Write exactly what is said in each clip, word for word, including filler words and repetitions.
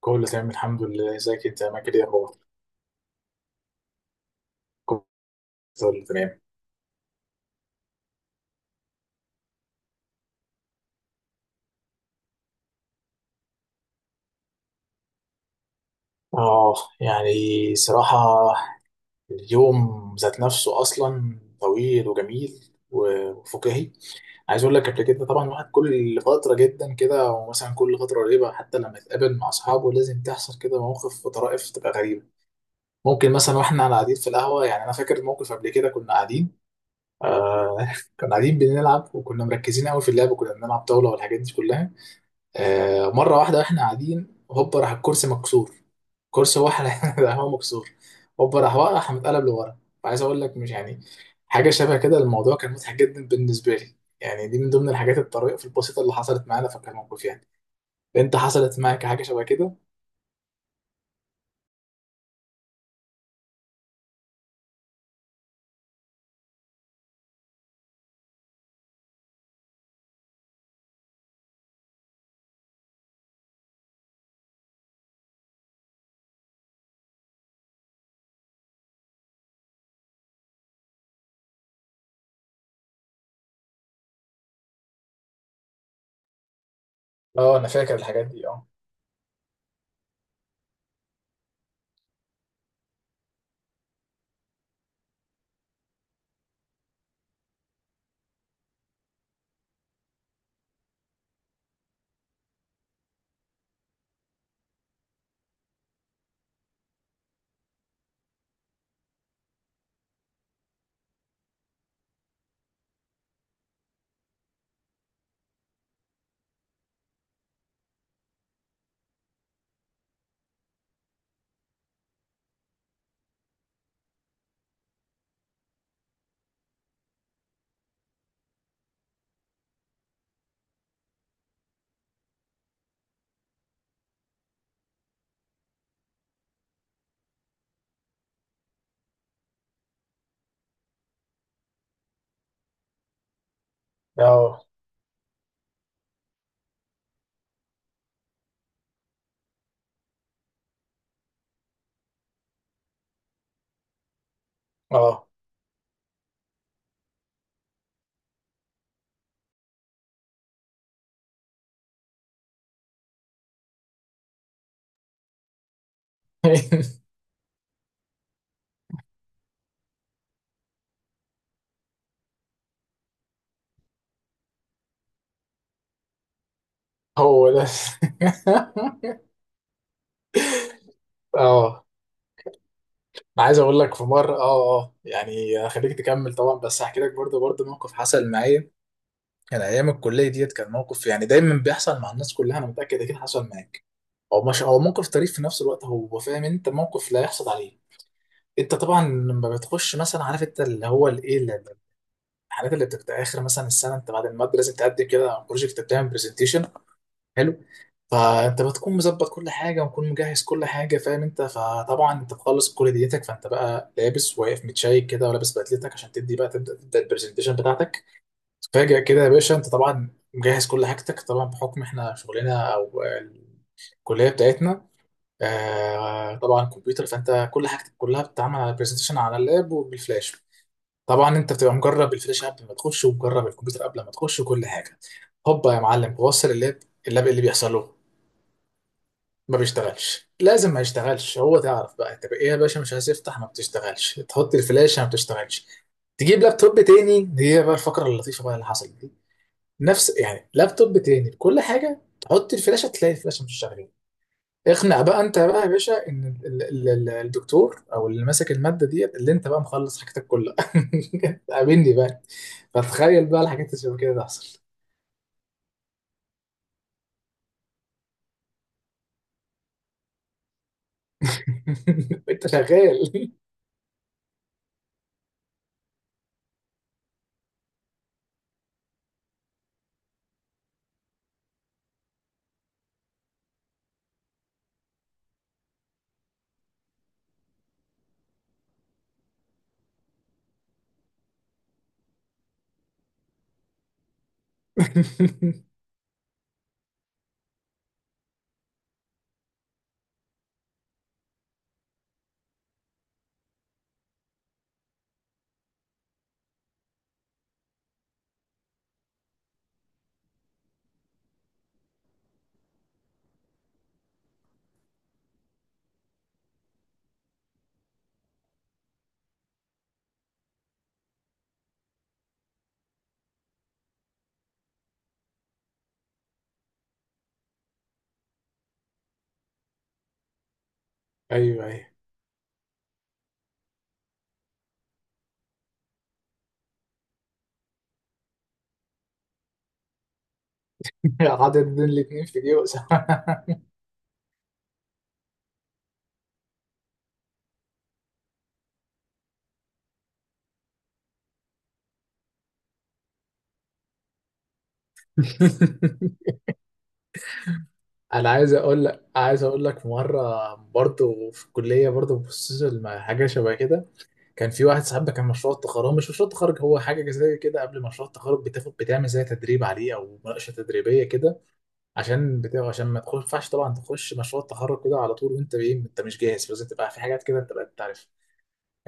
كله تمام، الحمد لله. ازيك انت يا ماجد؟ يا اخبار؟ كله تمام. اه يعني، صراحة اليوم ذات نفسه اصلا طويل وجميل و- وفكاهي. عايز اقول لك، قبل كده طبعا الواحد كل فترة جدا كده، او مثلا كل فترة قريبة، حتى لما يتقابل مع اصحابه لازم تحصل كده مواقف وطرائف تبقى غريبة. ممكن مثلا واحنا قاعد- قاعدين في القهوة، يعني انا فاكر موقف قبل كده كنا قاعدين. آه كنا قاعدين بنلعب، وكنا مركزين قوي في اللعب، وكنا بنلعب طاولة والحاجات دي كلها. آه، مرة واحدة واحنا قاعدين هوبا راح الكرسي مكسور. كرسي هو احنا راح هو مكسور. هوبا راح واقع راح متقلب لورا. عايز اقول لك، مش يعني حاجة شبه كده، الموضوع كان مضحك جدا بالنسبة لي. يعني دي من ضمن الحاجات الطريفة البسيطة اللي حصلت معانا، فكان الموقف يعني. انت حصلت معاك حاجة شبه كده؟ اه، انا فاكر الحاجات دي. اه اه. اه هو ده. اه. انا عايز اقول لك، في مره اه اه يعني، خليك تكمل طبعا، بس هحكي لك برضه برضه موقف حصل معايا. كان ايام الكليه ديت، كان موقف يعني دايما بيحصل مع الناس كلها، انا متاكد اكيد حصل معاك. هو مش هو موقف طريف في نفس الوقت، هو فاهم انت، موقف لا يحصل عليه. انت طبعا لما بتخش مثلا، عارف انت اللي هو الايه ال- ال- الحاجات اللي بتبقى اخر مثلا السنه، انت بعد الماده لازم تقدم كده بروجكت، بتعمل برزنتيشن. حلو. فانت بتكون مظبط كل حاجه ومكون مجهز كل حاجه فاهم انت، فطبعا انت بتخلص كل ديتك، فانت بقى لابس واقف متشيك كده، ولابس بدلتك عشان تدي بقى تبدا تبدا البرزنتيشن بتاعتك. فاجأ كده يا باشا، انت طبعا مجهز كل حاجتك طبعا بحكم احنا شغلنا او الكليه بتاعتنا آه طبعا كمبيوتر، فانت كل حاجتك كلها بتتعمل على برزنتيشن على اللاب وبالفلاش. طبعا انت بتبقى مجرب الفلاش قبل ما تخش، ومجرب الكمبيوتر قبل ما تخش وكل حاجه. هوبا يا معلم، بوصل اللاب. اللاب إيه اللي بيحصل له؟ ما بيشتغلش. لازم ما يشتغلش، هو تعرف بقى، طب ايه يا باشا مش عايز يفتح، ما بتشتغلش، تحط الفلاشه ما بتشتغلش، تجيب لابتوب تاني. هي بقى الفقرة اللطيفة بقى اللي حصلت. نفس يعني لابتوب تاني كل حاجه، تحط الفلاشه تلاقي الفلاشه مش شغاله. اقنع بقى انت بقى يا باشا ان ال- ال- ال- الدكتور او اللي ماسك الماده ديت اللي انت بقى مخلص حاجتك كلها. قابلني بقى. فتخيل بقى الحاجات اللي شبه كده تحصل. انت شغال ايوه ايوه، حاطط دول الاتنين في جيوز انا عايز اقول لك، عايز اقول لك مره برضه في الكليه برضه بصيت لما حاجه شبه كده. كان في واحد صاحبنا، كان مشروع التخرج، هو مش مشروع التخرج، هو حاجه زي كده، قبل مشروع التخرج بتاخد بتعمل زي تدريب عليه او مناقشه تدريبيه كده، عشان بتاع عشان ما تخش- ما ينفعش طبعا تخش مشروع التخرج كده على طول، وانت ايه، انت مش جاهز، لازم تبقى في حاجات كده انت بقى بتعرف.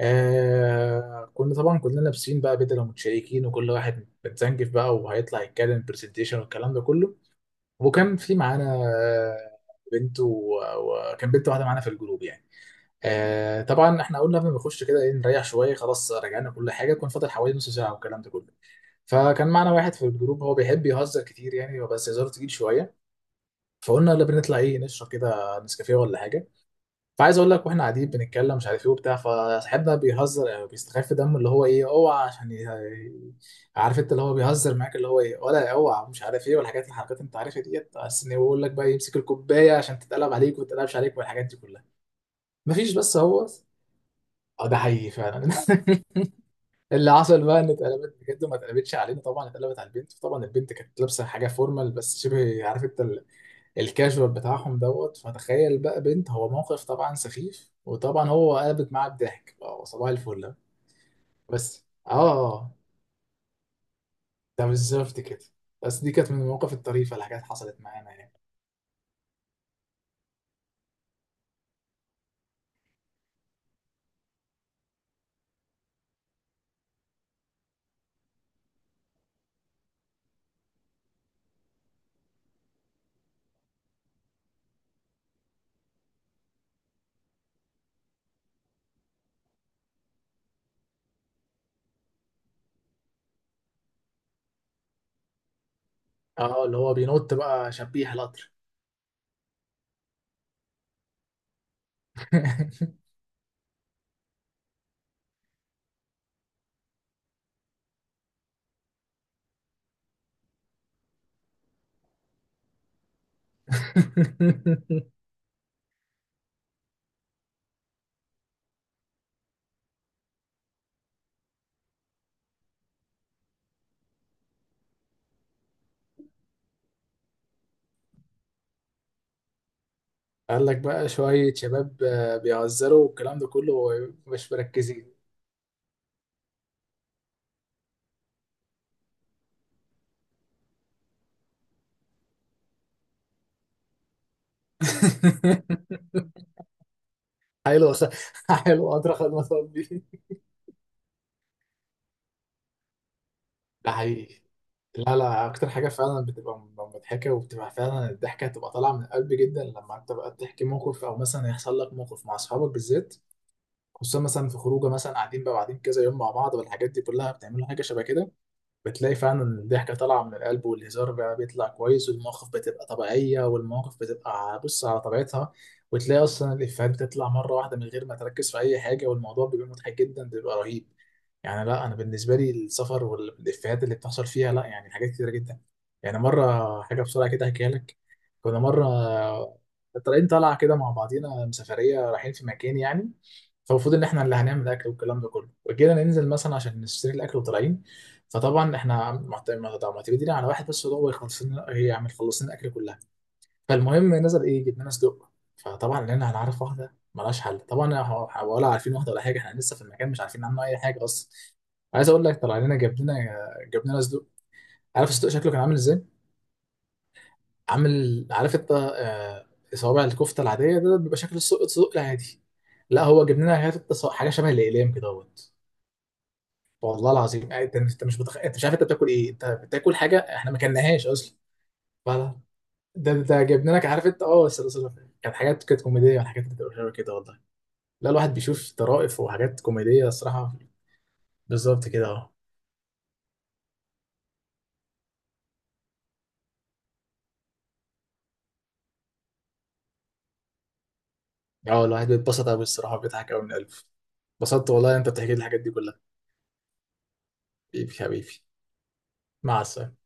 آه كنا طبعا كلنا لابسين بقى بدل ومتشيكين، وكل واحد متزنجف بقى وهيطلع يتكلم برزنتيشن والكلام ده كله. وكان في معانا آه، بنت و- وكان بنت واحده معانا في الجروب يعني. آه طبعا احنا قلنا قبل ما نخش كده ايه، نريح شويه. خلاص رجعنا كل حاجه، كان فاضل حوالي نص ساعه والكلام ده كله. فكان معانا واحد في الجروب هو بيحب يهزر كتير يعني، بس هزاره تقيل شويه. فقلنا يلا بنطلع ايه، نشرب كده نسكافيه ولا حاجه. فعايز اقول لك، واحنا قاعدين بنتكلم مش عارف ايه وبتاع، فصاحبنا بيهزر او بيستخف دمه اللي هو ايه، اوعى عشان ي- عارف انت اللي هو بيهزر معاك اللي هو ايه، ولا اوعى مش عارف ايه، والحاجات الحركات انت عارفها ديت، بس ان هو يقول لك بقى يمسك الكوبايه عشان تتقلب عليك وما تتقلبش عليك والحاجات دي كلها. مفيش، بس هو اه ده حقيقي فعلا اللي حصل بقى ان اتقلبت بجد، وما اتقلبتش علينا طبعا، اتقلبت على البنت طبعا. البنت كانت لابسه حاجه فورمال بس شبه عارف انت ال- الكاجوال بتاعهم دوت. فتخيل بقى بنت، هو موقف طبعا سخيف، وطبعا هو قلبت معاه بضحك، اه صباح الفل. بس اه آه، آه، ده بالظبط كده. بس دي كانت من المواقف الطريفه اللي حاجات حصلت معانا يعني. اه اللي هو بينط بقى شبيح القطر. قال لك بقى شوية شباب آه، بيهزروا والكلام ده كله. مش مركزين. حلو خ- حلو، قدر خدمة ربي. ده حقيقي. لا لا، أكتر حاجة فعلا بتبقى م- مضحكة، وبتبقى فعلا الضحكة هتبقى طالعة من القلب جدا لما أنت بقى تحكي موقف أو مثلا يحصل لك موقف مع أصحابك بالذات. خصوصا مثلا في خروجة مثلا قاعدين بقى قاعدين كذا يوم مع بعض والحاجات دي كلها بتعملوا حاجة شبه كده. بتلاقي فعلا إن الضحكة طالعة من القلب، والهزار بقى بيطلع كويس، والمواقف بتبقى طبيعية، والمواقف بتبقى ع- بص على طبيعتها. وتلاقي أصلا الإفيهات بتطلع مرة واحدة من غير ما تركز في أي حاجة، والموضوع بيبقى مضحك جدا، بيبقى رهيب. يعني لا، أنا بالنسبة لي السفر والإفيهات اللي بتحصل فيها، لا يعني حاجات كتيرة جدا. يعني مرة حاجة بسرعة كده أحكيها لك. كنا مرة طالعين طالعة كده مع بعضينا سفرية، رايحين في مكان يعني. فالمفروض إن إحنا اللي هنعمل أكل والكلام ده كله، وجينا ننزل مثلا عشان نشتري الأكل وطالعين. فطبعا احنا محت- ما طب ما تجينا على واحد بس هو يخلص لنا، هي يعني خلص لنا الاكل كلها. فالمهم نزل ايه، جبنا لنا صدق. فطبعا لقينا هنعرف واحده ملهاش حل طبعا، ه- ه- ولا عارفين واحده ولا حاجه، احنا لسه في المكان مش عارفين عنه اي حاجه اصلا. عايز اقول لك، طلع لنا جاب لنا جاب لنا صدق. عارف الصدق شكله كان عامل ازاي؟ عامل، عارف انت آه، صوابع الكفته العاديه، ده بيبقى شكل الصدق، الصدق العادي. لا هو جاب لنا حاجات- حاجه شبه الاقلام كده اهوت، والله العظيم. يعني انت انت مش بتخ... انت مش عارف انت بتاكل ايه، انت بتاكل حاجه احنا ما كلناهاش اصلا. فلا، ده ده جبنا لك عارف انت، اه بس بس- بس- كانت حاجات كانت كوميديه والحاجات اللي بتبقى حلوه كده والله. لا، الواحد بيشوف طرائف وحاجات كوميديه الصراحه. بالظبط كده اه اه الواحد بيتبسط قوي الصراحه، بيضحك قوي من قلبه. اتبسطت والله، انت بتحكي لي الحاجات دي كلها. حبيبي حبيبي. مع السلامه.